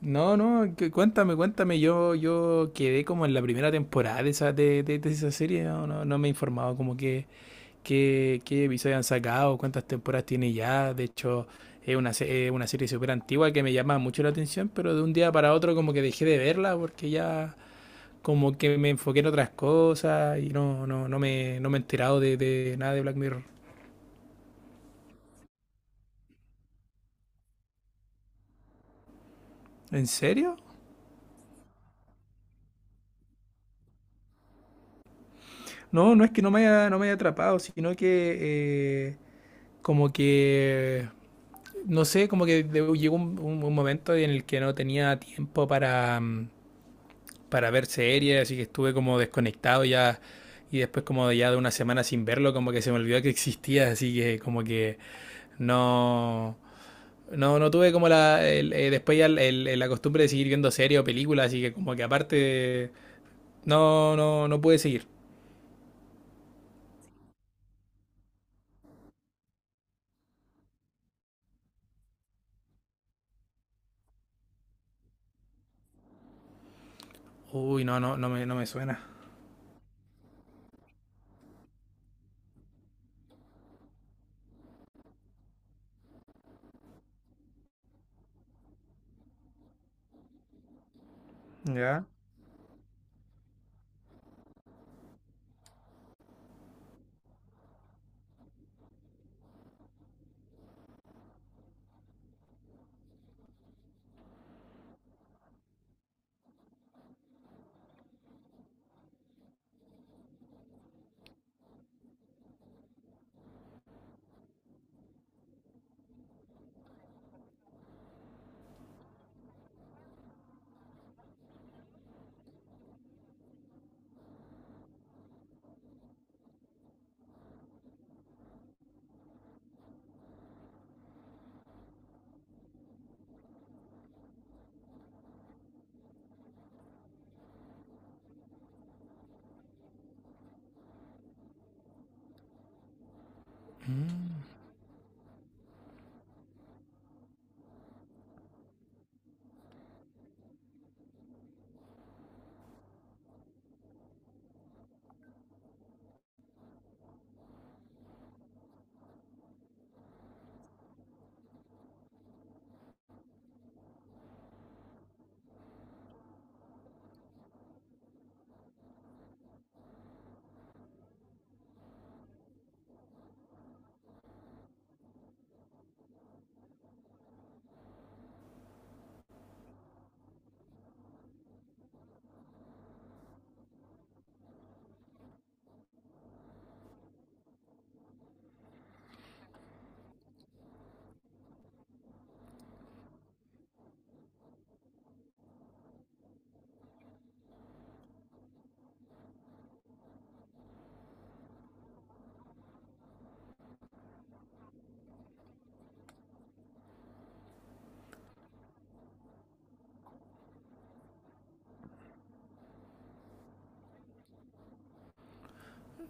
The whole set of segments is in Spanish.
No, no, cuéntame, cuéntame. Yo quedé como en la primera temporada de esa, de esa serie. No, no, no me he informado como qué episodios han sacado, cuántas temporadas tiene ya. De hecho, es una, es una serie súper antigua que me llama mucho la atención, pero de un día para otro como que dejé de verla porque ya como que me enfoqué en otras cosas y no, no, no me he enterado de nada de Black Mirror. ¿En serio? No, no es que no me haya atrapado, sino que eh, como que no sé, como que llegó un, un momento en el que no tenía tiempo para, para ver series, así que estuve como desconectado ya. Y después como ya de una semana sin verlo, como que se me olvidó que existía, así que como que no... No, no tuve como después ya la costumbre de seguir viendo series o películas, así que como que aparte... No, no, no pude seguir. Uy, no, no, no me suena. ¿Ya?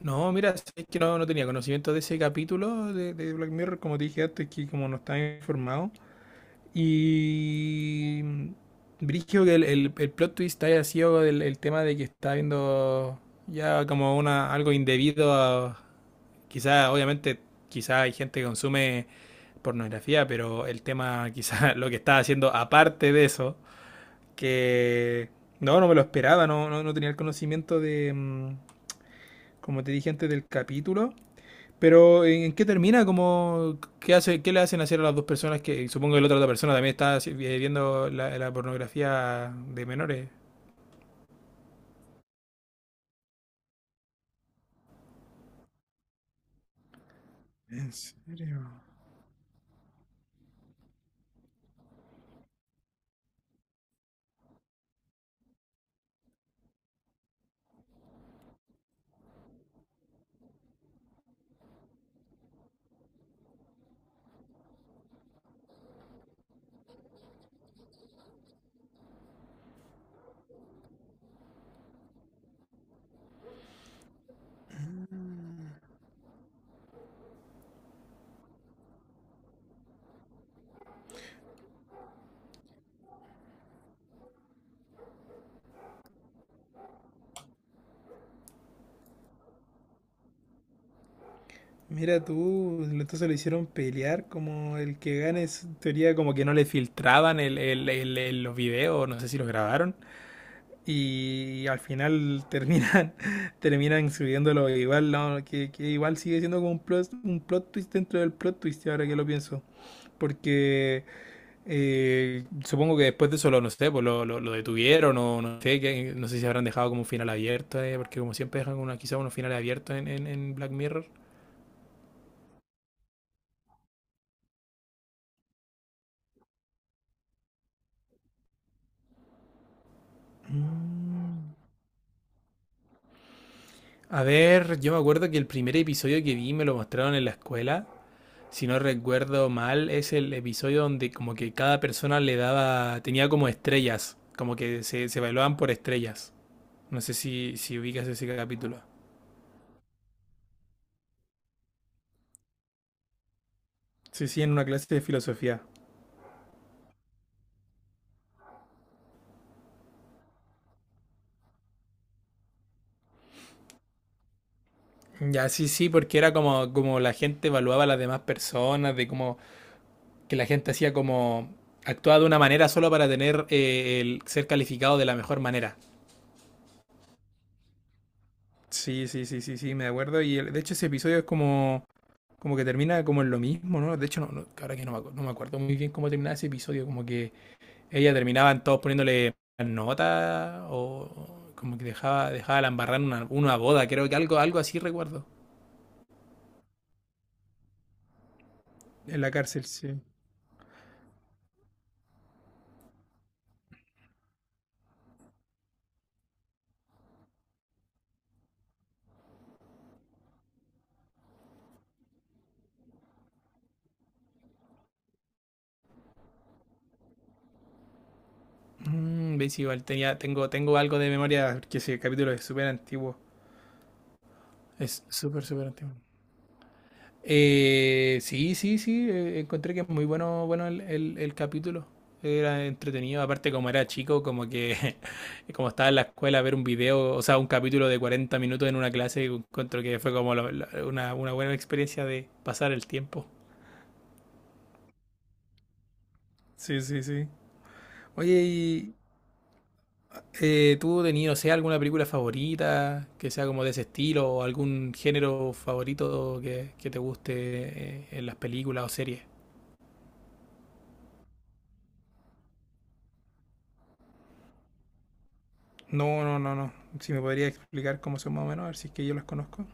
No, mira, sí, es que no, no tenía conocimiento de ese capítulo de Black Mirror, como te dije antes, que como no estaba informado. Y. mm, que el plot twist haya sido el tema de que está viendo ya como una algo indebido a. Quizá, obviamente, quizá hay gente que consume pornografía, pero el tema, quizá lo que estaba haciendo aparte de eso, que. No, no me lo esperaba, no, no, no tenía el conocimiento como te dije antes del capítulo. Pero ¿en qué termina? ¿Cómo, qué hace, qué le hacen hacer a las dos personas que supongo que otra persona también está viendo la, la pornografía de menores? ¿En serio? Mira tú, entonces lo hicieron pelear como el que gane es teoría. Como que no le filtraban el, los videos, no sé si los grabaron. Y al final terminan terminan subiéndolo igual, no, que igual sigue siendo como un plot twist dentro del plot twist ahora que lo pienso, porque supongo que después de eso lo, no sé, pues lo, lo detuvieron o no sé, que, no sé si habrán dejado como un final abierto, porque como siempre dejan una, quizá unos finales abiertos en Black Mirror. A ver, yo me acuerdo que el primer episodio que vi me lo mostraron en la escuela. Si no recuerdo mal, es el episodio donde como que cada persona le daba, tenía como estrellas, como que se evaluaban por estrellas. No sé si, si ubicas ese capítulo. Sí, sí, en una clase de filosofía. Ya, sí, sí, porque era como, como la gente evaluaba a las demás personas, de cómo que la gente hacía como actuaba de una manera solo para tener el ser calificado de la mejor manera. Sí, sí, sí, sí, sí, me acuerdo. De hecho ese episodio es como, como que termina como en lo mismo, ¿no? De hecho, ahora que no me, no me acuerdo muy bien cómo terminaba ese episodio, como que ella terminaban todos poniéndole nota o como que dejaba, dejaba la embarrar en una boda, creo que algo, algo así recuerdo. En la cárcel, sí. Mm, ¿veis? Igual tenía, tengo, tengo algo de memoria, porque ese capítulo es súper antiguo. Es súper, súper antiguo. Sí, sí, sí, encontré que es muy bueno, bueno el, el capítulo. Era entretenido, aparte como era chico, como que como estaba en la escuela ver un video, o sea, un capítulo de 40 minutos en una clase, encuentro que fue como una buena experiencia de pasar el tiempo. Sí, sí, sí. Oye, ¿tú tenido, no sea, alguna película favorita que sea como de ese estilo o algún género favorito que te guste en las películas o series? No, no, no, no. Si me podría explicar cómo son más o menos, a ver si es que yo las conozco.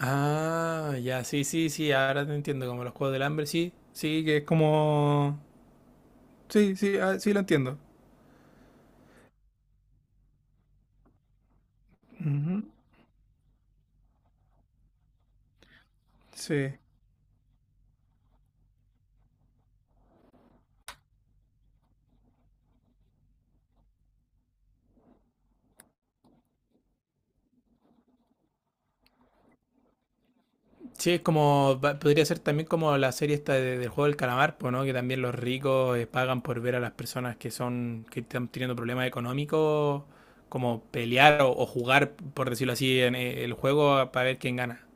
Ah, ya, sí, sí, sí, ahora te entiendo, como los Juegos del Hambre, sí, sí, que es como... Sí, sí, ah, sí, lo entiendo. Ujú, sí. Sí, es como, podría ser también como la serie esta del juego del calamar, pues, ¿no? Que también los ricos pagan por ver a las personas que son, que están teniendo problemas económicos, como pelear o jugar, por decirlo así, en el juego para ver quién gana.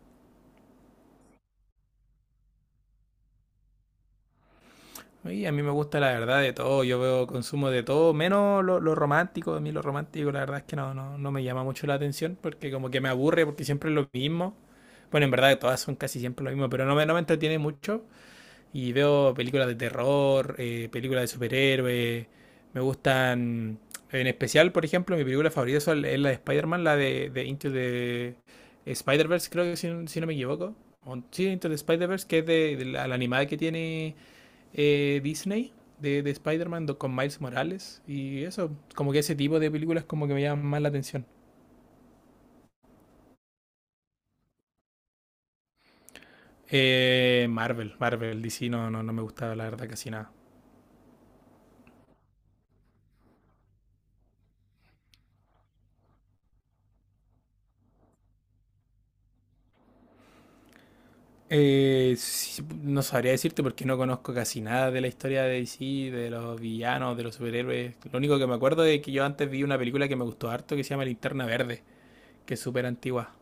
Y a mí me gusta la verdad de todo, yo veo consumo de todo, menos lo romántico, a mí lo romántico la verdad es que no, no, no me llama mucho la atención porque como que me aburre porque siempre es lo mismo. Bueno, en verdad todas son casi siempre lo mismo, pero no me, no me entretiene mucho. Y veo películas de terror, películas de superhéroes. Me gustan. En especial, por ejemplo, mi película favorita es la de Spider-Man, la de Into the Spider-Verse, creo que si, si no me equivoco. Sí, Into the Spider-Verse, que es de la, la animada que tiene Disney de Spider-Man con Miles Morales. Y eso, como que ese tipo de películas como que me llaman más la atención. Marvel, Marvel, DC no, no, no me gusta la verdad casi nada. Sí, no sabría decirte porque no conozco casi nada de la historia de DC, de los villanos, de los superhéroes. Lo único que me acuerdo es que yo antes vi una película que me gustó harto que se llama Linterna Verde, que es súper antigua.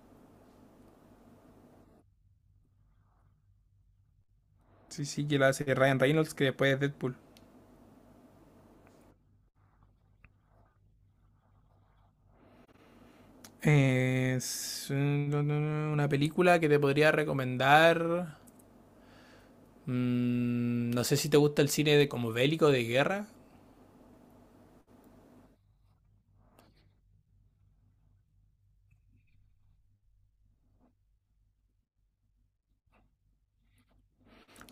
Sí, sí, que la hace Ryan Reynolds, que después es Deadpool. Es una película que te podría recomendar. Mm, no sé si te gusta el cine de como bélico de guerra.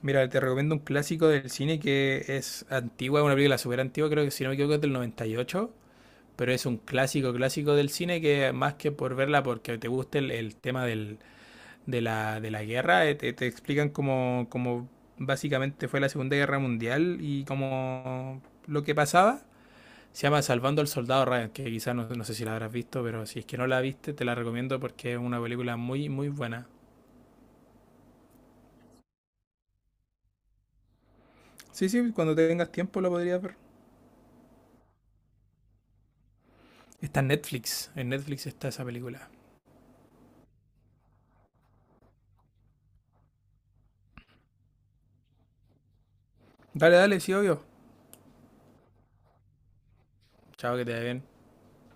Mira, te recomiendo un clásico del cine que es antigua, es una película súper antigua, creo que si no me equivoco es del 98, pero es un clásico clásico del cine que más que por verla porque te guste el tema del, de la guerra, te, te explican cómo, cómo básicamente fue la Segunda Guerra Mundial y cómo lo que pasaba. Se llama Salvando al Soldado Ryan, que quizás no, no sé si la habrás visto, pero si es que no la viste, te la recomiendo porque es una película muy, muy buena. Sí, sí, cuando tengas tiempo la podrías ver. Está en Netflix está esa película. Dale, dale, sí, obvio. Chao, que te vaya bien.